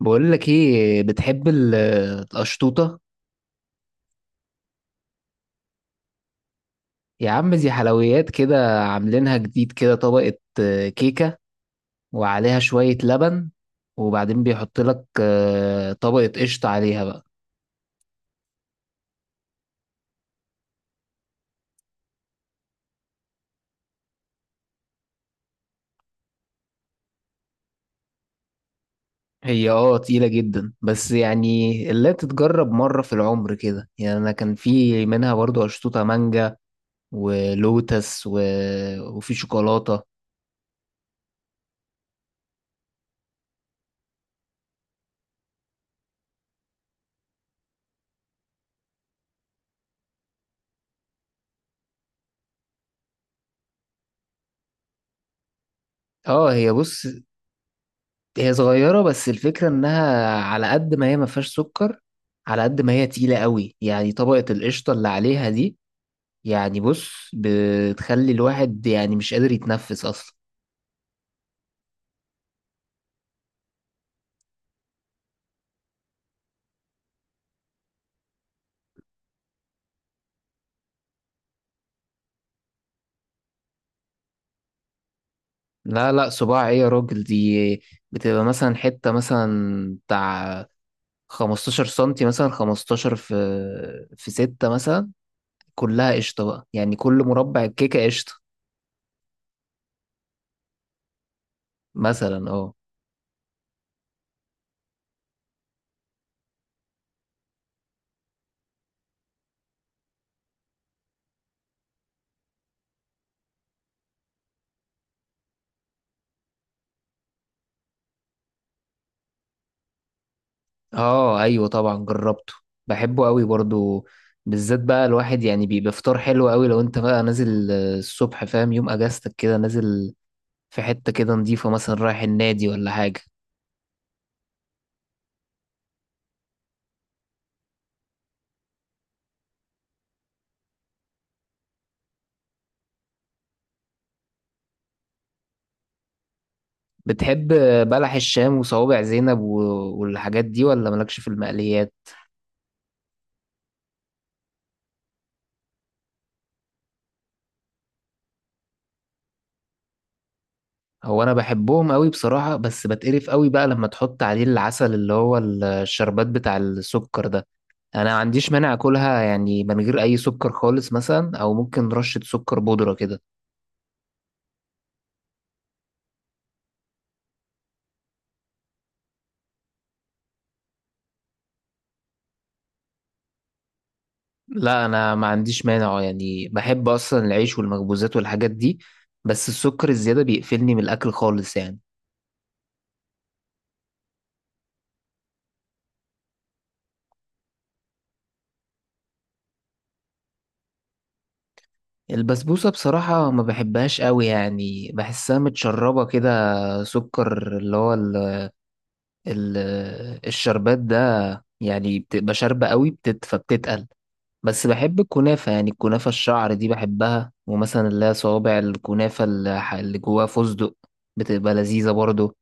بقول لك ايه، بتحب القشطوطه؟ يا عم، دي حلويات كده عاملينها جديد، كده طبقه، كيكه، وعليها شويه لبن، وبعدين بيحط لك طبقه قشطه عليها بقى. هي تقيله جدا، بس يعني اللي تتجرب مره في العمر كده، يعني انا كان في منها برضو قشطوطه مانجا، ولوتس وفي شوكولاته. اه، هي بص، هي صغيرة، بس الفكرة انها على قد ما هي ما فيهاش سكر، على قد ما هي تقيلة قوي، يعني طبقة القشطة اللي عليها دي، يعني بص، بتخلي الواحد يعني مش قادر يتنفس اصلا. لا لا، صباع ايه يا راجل؟ دي بتبقى مثلا حتة مثلا بتاع 15 سنتي، مثلا 15 في 6 مثلا، كلها قشطة بقى، يعني كل مربع الكيكة قشطة. مثلا، اه. اه، ايوه، طبعا جربته. بحبه قوي برضو. بالذات بقى الواحد يعني بيبقى فطار حلو قوي لو انت بقى نازل الصبح، فاهم، يوم اجازتك كده نازل في حتة كده نضيفة، مثلا رايح النادي ولا حاجة. بتحب بلح الشام وصوابع زينب والحاجات دي، ولا مالكش في المقليات؟ هو انا بحبهم قوي بصراحة، بس بتقرف قوي بقى لما تحط عليه العسل اللي هو الشربات بتاع السكر ده. انا ما عنديش مانع اكلها يعني من غير اي سكر خالص مثلا، او ممكن رشة سكر بودرة كده. لا، انا ما عنديش مانع، يعني بحب اصلا العيش والمخبوزات والحاجات دي. بس السكر الزيادة بيقفلني من الاكل خالص يعني. البسبوسة بصراحة ما بحبهاش قوي، يعني بحسها متشربة كده، سكر، اللي هو ال ال الشربات ده، يعني بتبقى شاربة قوي، فبتتقل. بس بحب الكنافة، يعني الكنافة الشعر دي بحبها، ومثلا اللي هي صوابع الكنافة اللي جواها فستق، بتبقى لذيذة برضو.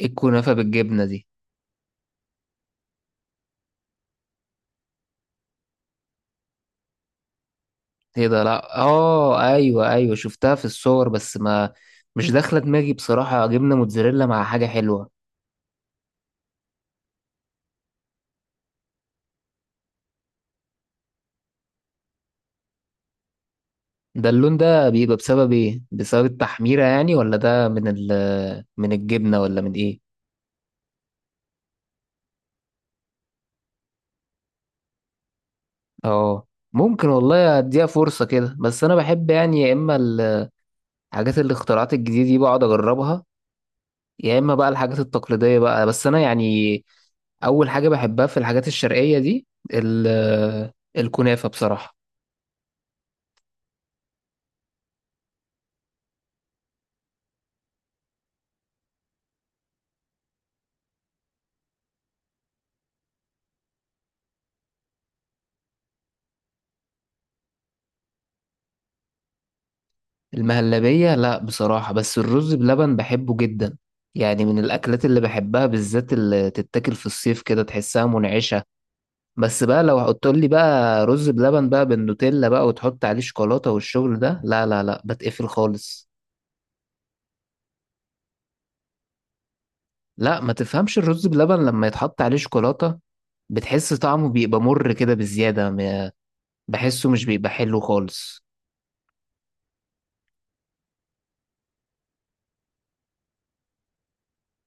الكنافة بالجبنة دي. ايه ده؟ لا، اه، ايوه ايوه، شفتها في الصور، بس ما مش داخله دماغي بصراحه، جبنه موتزاريلا مع حاجه حلوه. ده اللون ده بيبقى بسبب ايه؟ بسبب التحميره يعني، ولا ده من الجبنه، ولا من ايه؟ اه، ممكن والله اديها فرصه كده، بس انا بحب يعني، يا اما الحاجات الاختراعات الجديده دي بقعد اجربها، يا اما بقى الحاجات التقليديه بقى، بس انا يعني اول حاجه بحبها في الحاجات الشرقيه دي ال- الكنافه بصراحه. المهلبية لا بصراحة، بس الرز بلبن بحبه جدا، يعني من الأكلات اللي بحبها، بالذات اللي تتاكل في الصيف كده تحسها منعشة. بس بقى لو هتقولي بقى رز بلبن بقى بالنوتيلا بقى وتحط عليه شوكولاتة والشغل ده، لا لا لا، بتقفل خالص. لا، ما تفهمش، الرز بلبن لما يتحط عليه شوكولاتة بتحس طعمه بيبقى مر كده بزيادة بحسه مش بيبقى حلو خالص.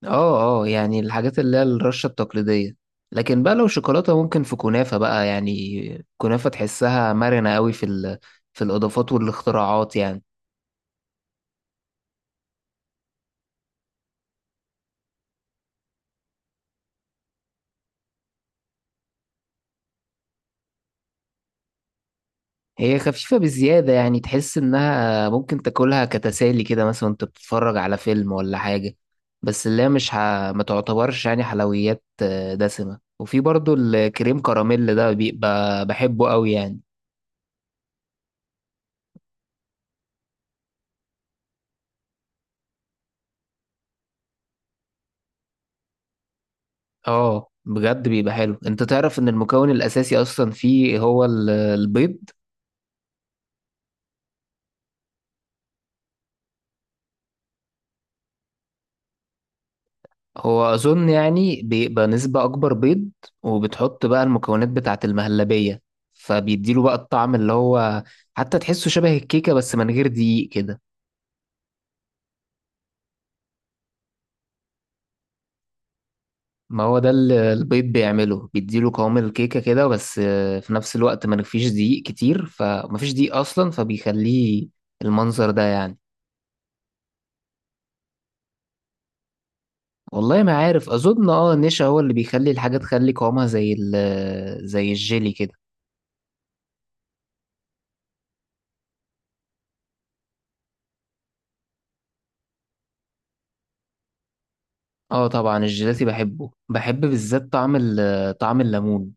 اه اه، يعني الحاجات اللي هي الرشة التقليدية. لكن بقى لو شوكولاتة ممكن في كنافة بقى، يعني كنافة تحسها مرنة قوي في في الإضافات والاختراعات يعني. هي خفيفة بزيادة، يعني تحس إنها ممكن تاكلها كتسالي كده، مثلا وأنت بتتفرج على فيلم ولا حاجة، بس اللي هي مش ما تعتبرش يعني حلويات دسمة، وفي برضو الكريم كراميل ده بيبقى بحبه قوي يعني. اه، بجد بيبقى حلو، انت تعرف ان المكون الاساسي اصلا فيه هو البيض؟ هو أظن يعني بيبقى نسبة أكبر بيض، وبتحط بقى المكونات بتاعة المهلبية، فبيديله بقى الطعم اللي هو، حتى تحسه شبه الكيكة بس من غير دقيق كده. ما هو ده اللي البيض بيعمله، بيديله قوام الكيكة كده، بس في نفس الوقت ما فيش دقيق كتير، فما فيش دقيق أصلا، فبيخليه المنظر ده يعني. والله ما عارف، أظن اه النشا هو اللي بيخلي الحاجة تخلي قوامها زي الجيلي كده. اه، طبعا الجيلاتي بحبه، بحب بالذات طعم الليمون.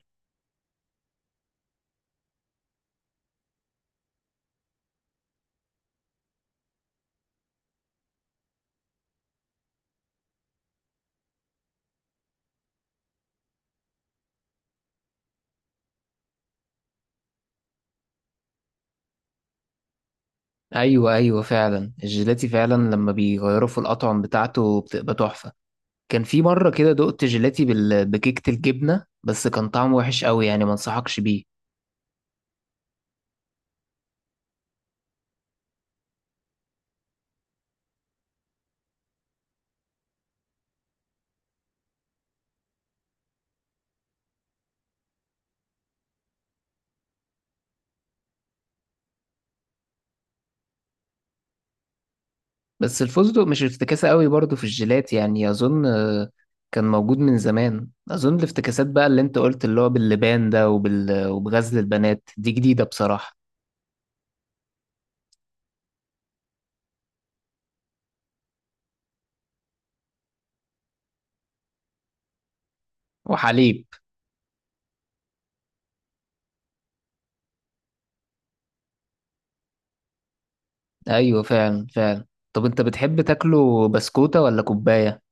ايوه ايوه، فعلا الجيلاتي فعلا لما بيغيروا في الاطعم بتاعته بتبقى تحفه. كان في مره كده دقت جيلاتي بكيكه الجبنه، بس كان طعمه وحش قوي يعني، ما انصحكش بيه. بس الفستق مش افتكاسه قوي برضه في الجيلاتي، يعني اظن كان موجود من زمان، اظن الافتكاسات بقى اللي انت قلت اللي هو باللبان ده وبغزل البنات دي جديده بصراحه. وحليب. ايوه، فعلا فعلا. طب انت بتحب تاكله بسكوته ولا كوبايه؟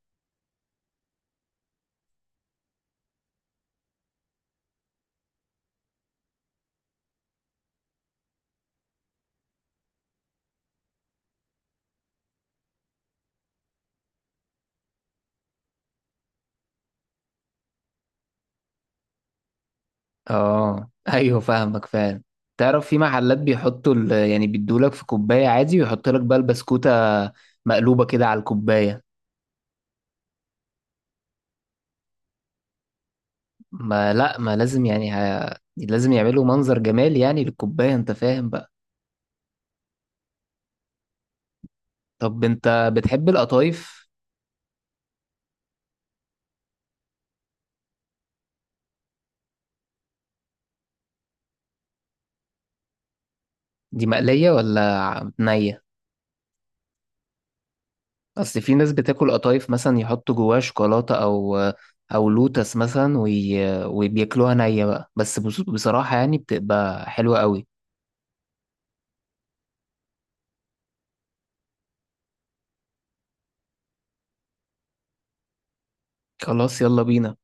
اه، ايوه، فاهمك فعلا. تعرف في محلات بيحطوا يعني بيدولك في كوباية عادي، ويحط لك بقى البسكوتة مقلوبة كده على الكوباية. ما لا، ما لازم يعني لازم يعملوا منظر جمالي يعني للكوباية، انت فاهم بقى؟ طب انت بتحب القطايف؟ دي مقلية ولا نية؟ اصل في ناس بتاكل قطايف، مثلا يحطوا جواها شوكولاتة او لوتس مثلا وبياكلوها نية بقى، بس بصراحة يعني بتبقى حلوة قوي. خلاص، يلا بينا.